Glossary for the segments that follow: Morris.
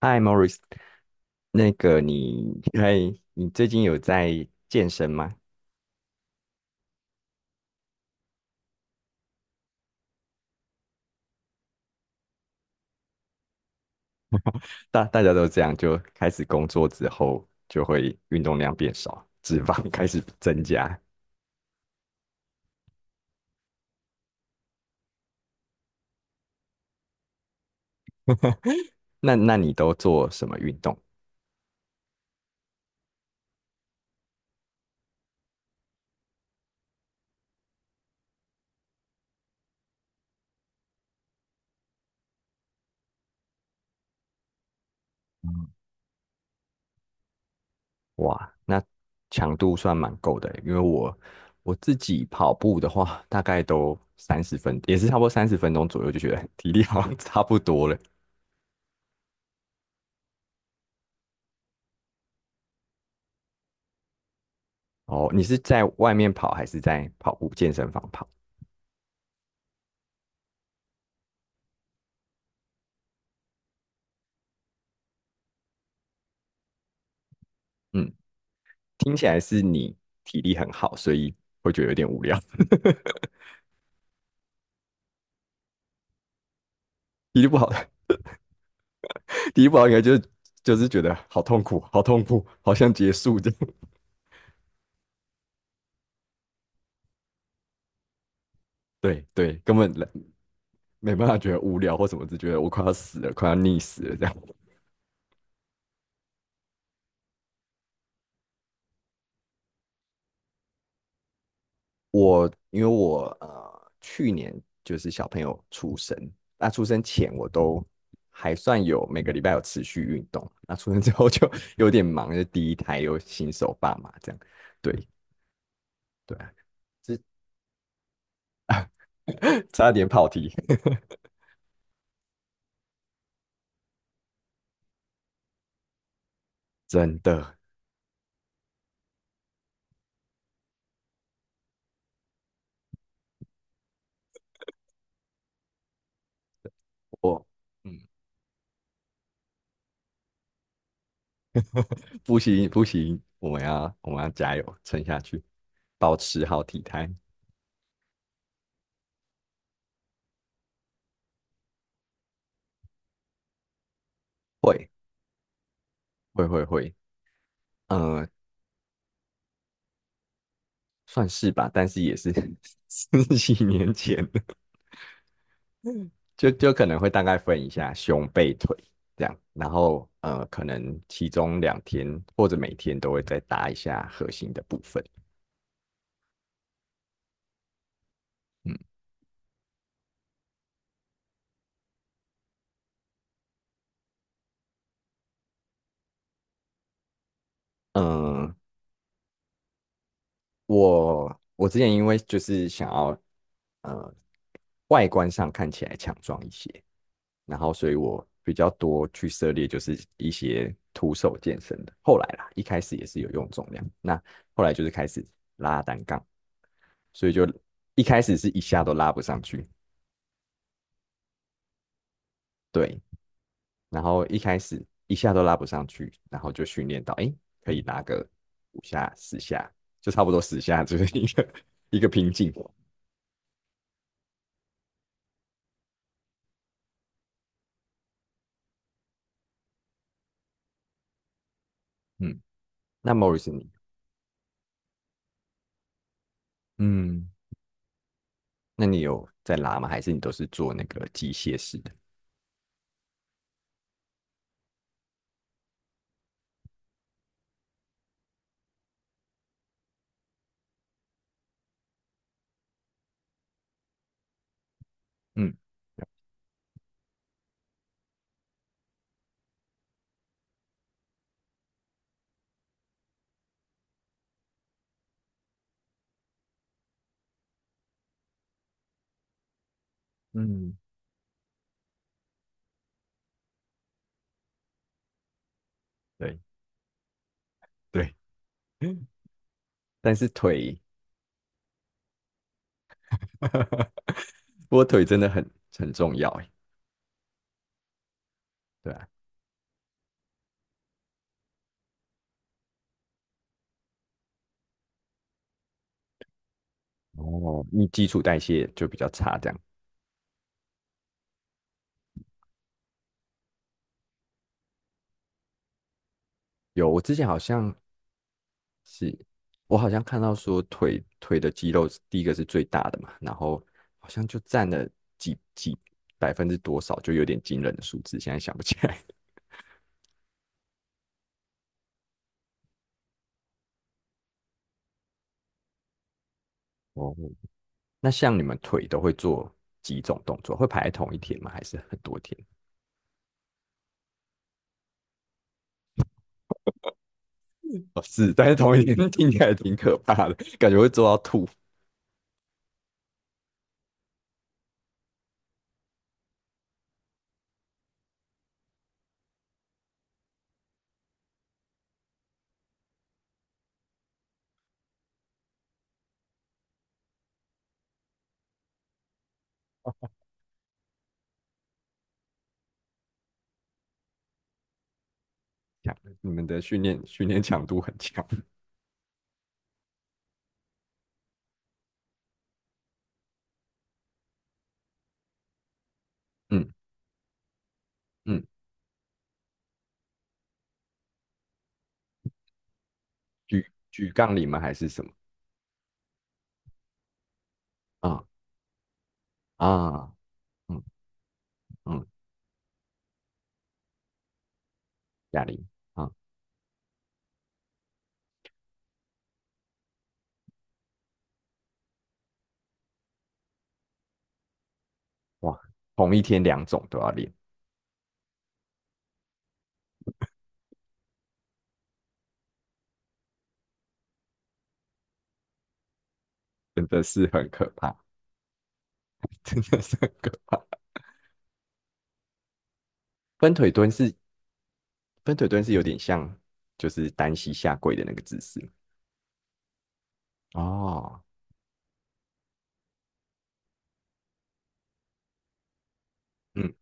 嗨，Morris，那个你，嗨，你最近有在健身吗？大家都这样，就开始工作之后，就会运动量变少，脂肪开始增加。那你都做什么运动？嗯，哇，那强度算蛮够的欸，因为我自己跑步的话，大概都三十分，也是差不多30分钟左右，就觉得 体力好像差不多了。哦，你是在外面跑还是在跑步健身房跑？嗯。听起来是你体力很好，所以会觉得有点无聊。体力不好，体力不好应该就是就是觉得好痛苦，好痛苦，好像结束这样。对对，根本没办法觉得无聊或什么，只觉得我快要死了，快要溺死了这样。我因为我去年就是小朋友出生，那出生前我都还算有每个礼拜有持续运动，那出生之后就 有点忙，就第一胎又新手爸妈这样。对对啊，之 差点跑题，真的，我嗯，不行不行，我们要加油撑下去，保持好体态，会会会会，呃，算是吧，但是也是 十几年前 了，就可能会大概分一下胸背腿这样，然后可能其中2天或者每天都会再搭一下核心的部分，嗯嗯、呃我之前因为就是想要呃外观上看起来强壮一些，然后所以我比较多去涉猎就是一些徒手健身的。后来啦，一开始也是有用重量，那后来就是开始拉单杠，所以就一开始是一下都拉不上去，对，然后一开始一下都拉不上去，然后就训练到诶可以拉个5下10下，就差不多十下就是一个 一个瓶颈。嗯，那 Morris 你？嗯，那你有在拉吗？还是你都是做那个机械式的？嗯嗯，对对，但是腿，不过腿真的很重要哎，对啊。哦，你基础代谢就比较差，这样。有，我之前好像是，我好像看到说腿的肌肉是第一个是最大的嘛，然后好像就占了几百分之多少，就有点惊人的数字，现在想不起来。哦，那像你们腿都会做几种动作？会排在同一天吗？还是很多天？哦，是，但是同一天听起来挺可怕的，感觉会做到吐。强，你们的训练强度很强 嗯嗯，举杠铃吗？还是什么？啊，啊，嗯嗯，哑铃啊，哇，同一天两种都要练。真的是很可怕，真的是很可怕。分腿蹲是分腿蹲是有点像就是单膝下跪的那个姿势，哦，嗯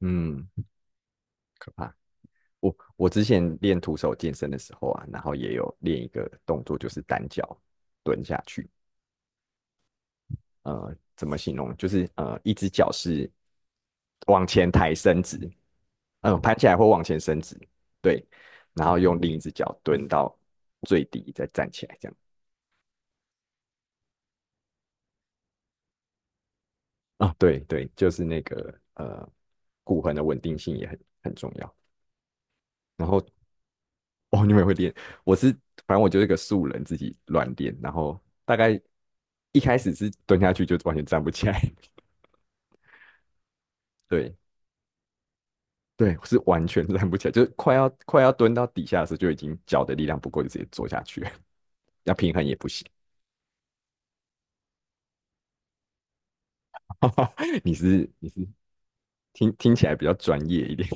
嗯，可怕。我之前练徒手健身的时候啊，然后也有练一个动作，就是单脚蹲下去。怎么形容？就是一只脚是往前抬伸直，嗯、盘起来或往前伸直，对，然后用另一只脚蹲到最低，再站起来，这样。啊，对对，就是那个骨盆的稳定性也很重要。然后哦，你们也会练？我是，反正我就是个素人，自己乱练，然后大概一开始是蹲下去就完全站不起来，对对，是完全站不起来，就是快要蹲到底下的时候，就已经脚的力量不够，就直接坐下去了要平衡也不行。你是听起来比较专业一点，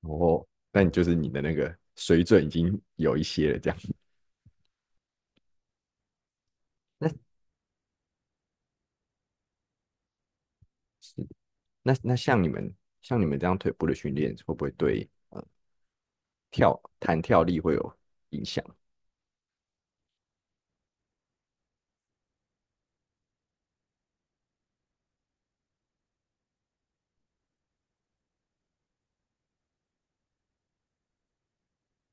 哦，但你就是你的那个水准已经有一些了，这样。那那像你们这样腿部的训练，会不会对跳弹跳力会有影响？比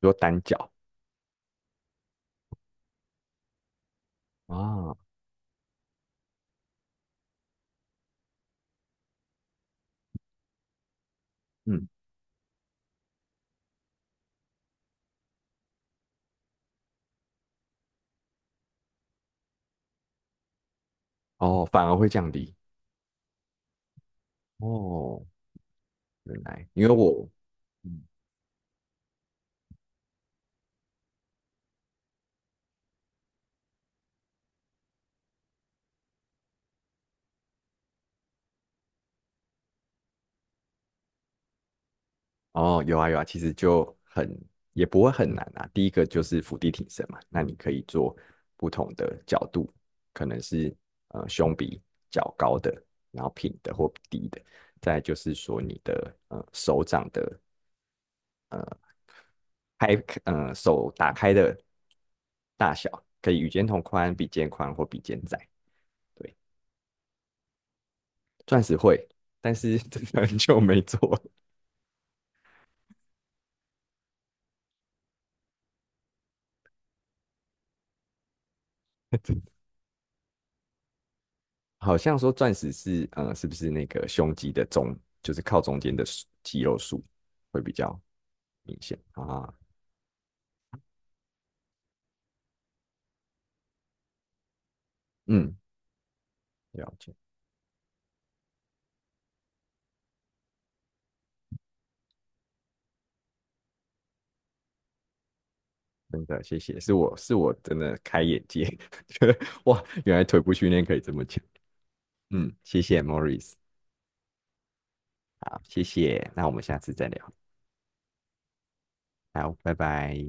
如说单脚。啊，嗯，哦，反而会降低。哦，原来，因为我，嗯，哦，有啊有啊，其实就很，也不会很难啊。第一个就是伏地挺身嘛，那你可以做不同的角度，可能是胸比较高的，然后平的或低的。再来就是说你的手掌的开，手打开的大小，可以与肩同宽、比肩宽或比肩窄。对，钻石会，但是 真的很久没做了。好像说钻石是是不是那个胸肌的中，就是靠中间的数肌肉束会比较明显啊？嗯，了解，真的谢谢，是我真的开眼界，觉得哇，原来腿部训练可以这么讲。嗯，谢谢 Morris，好，谢谢，那我们下次再聊，好，拜拜。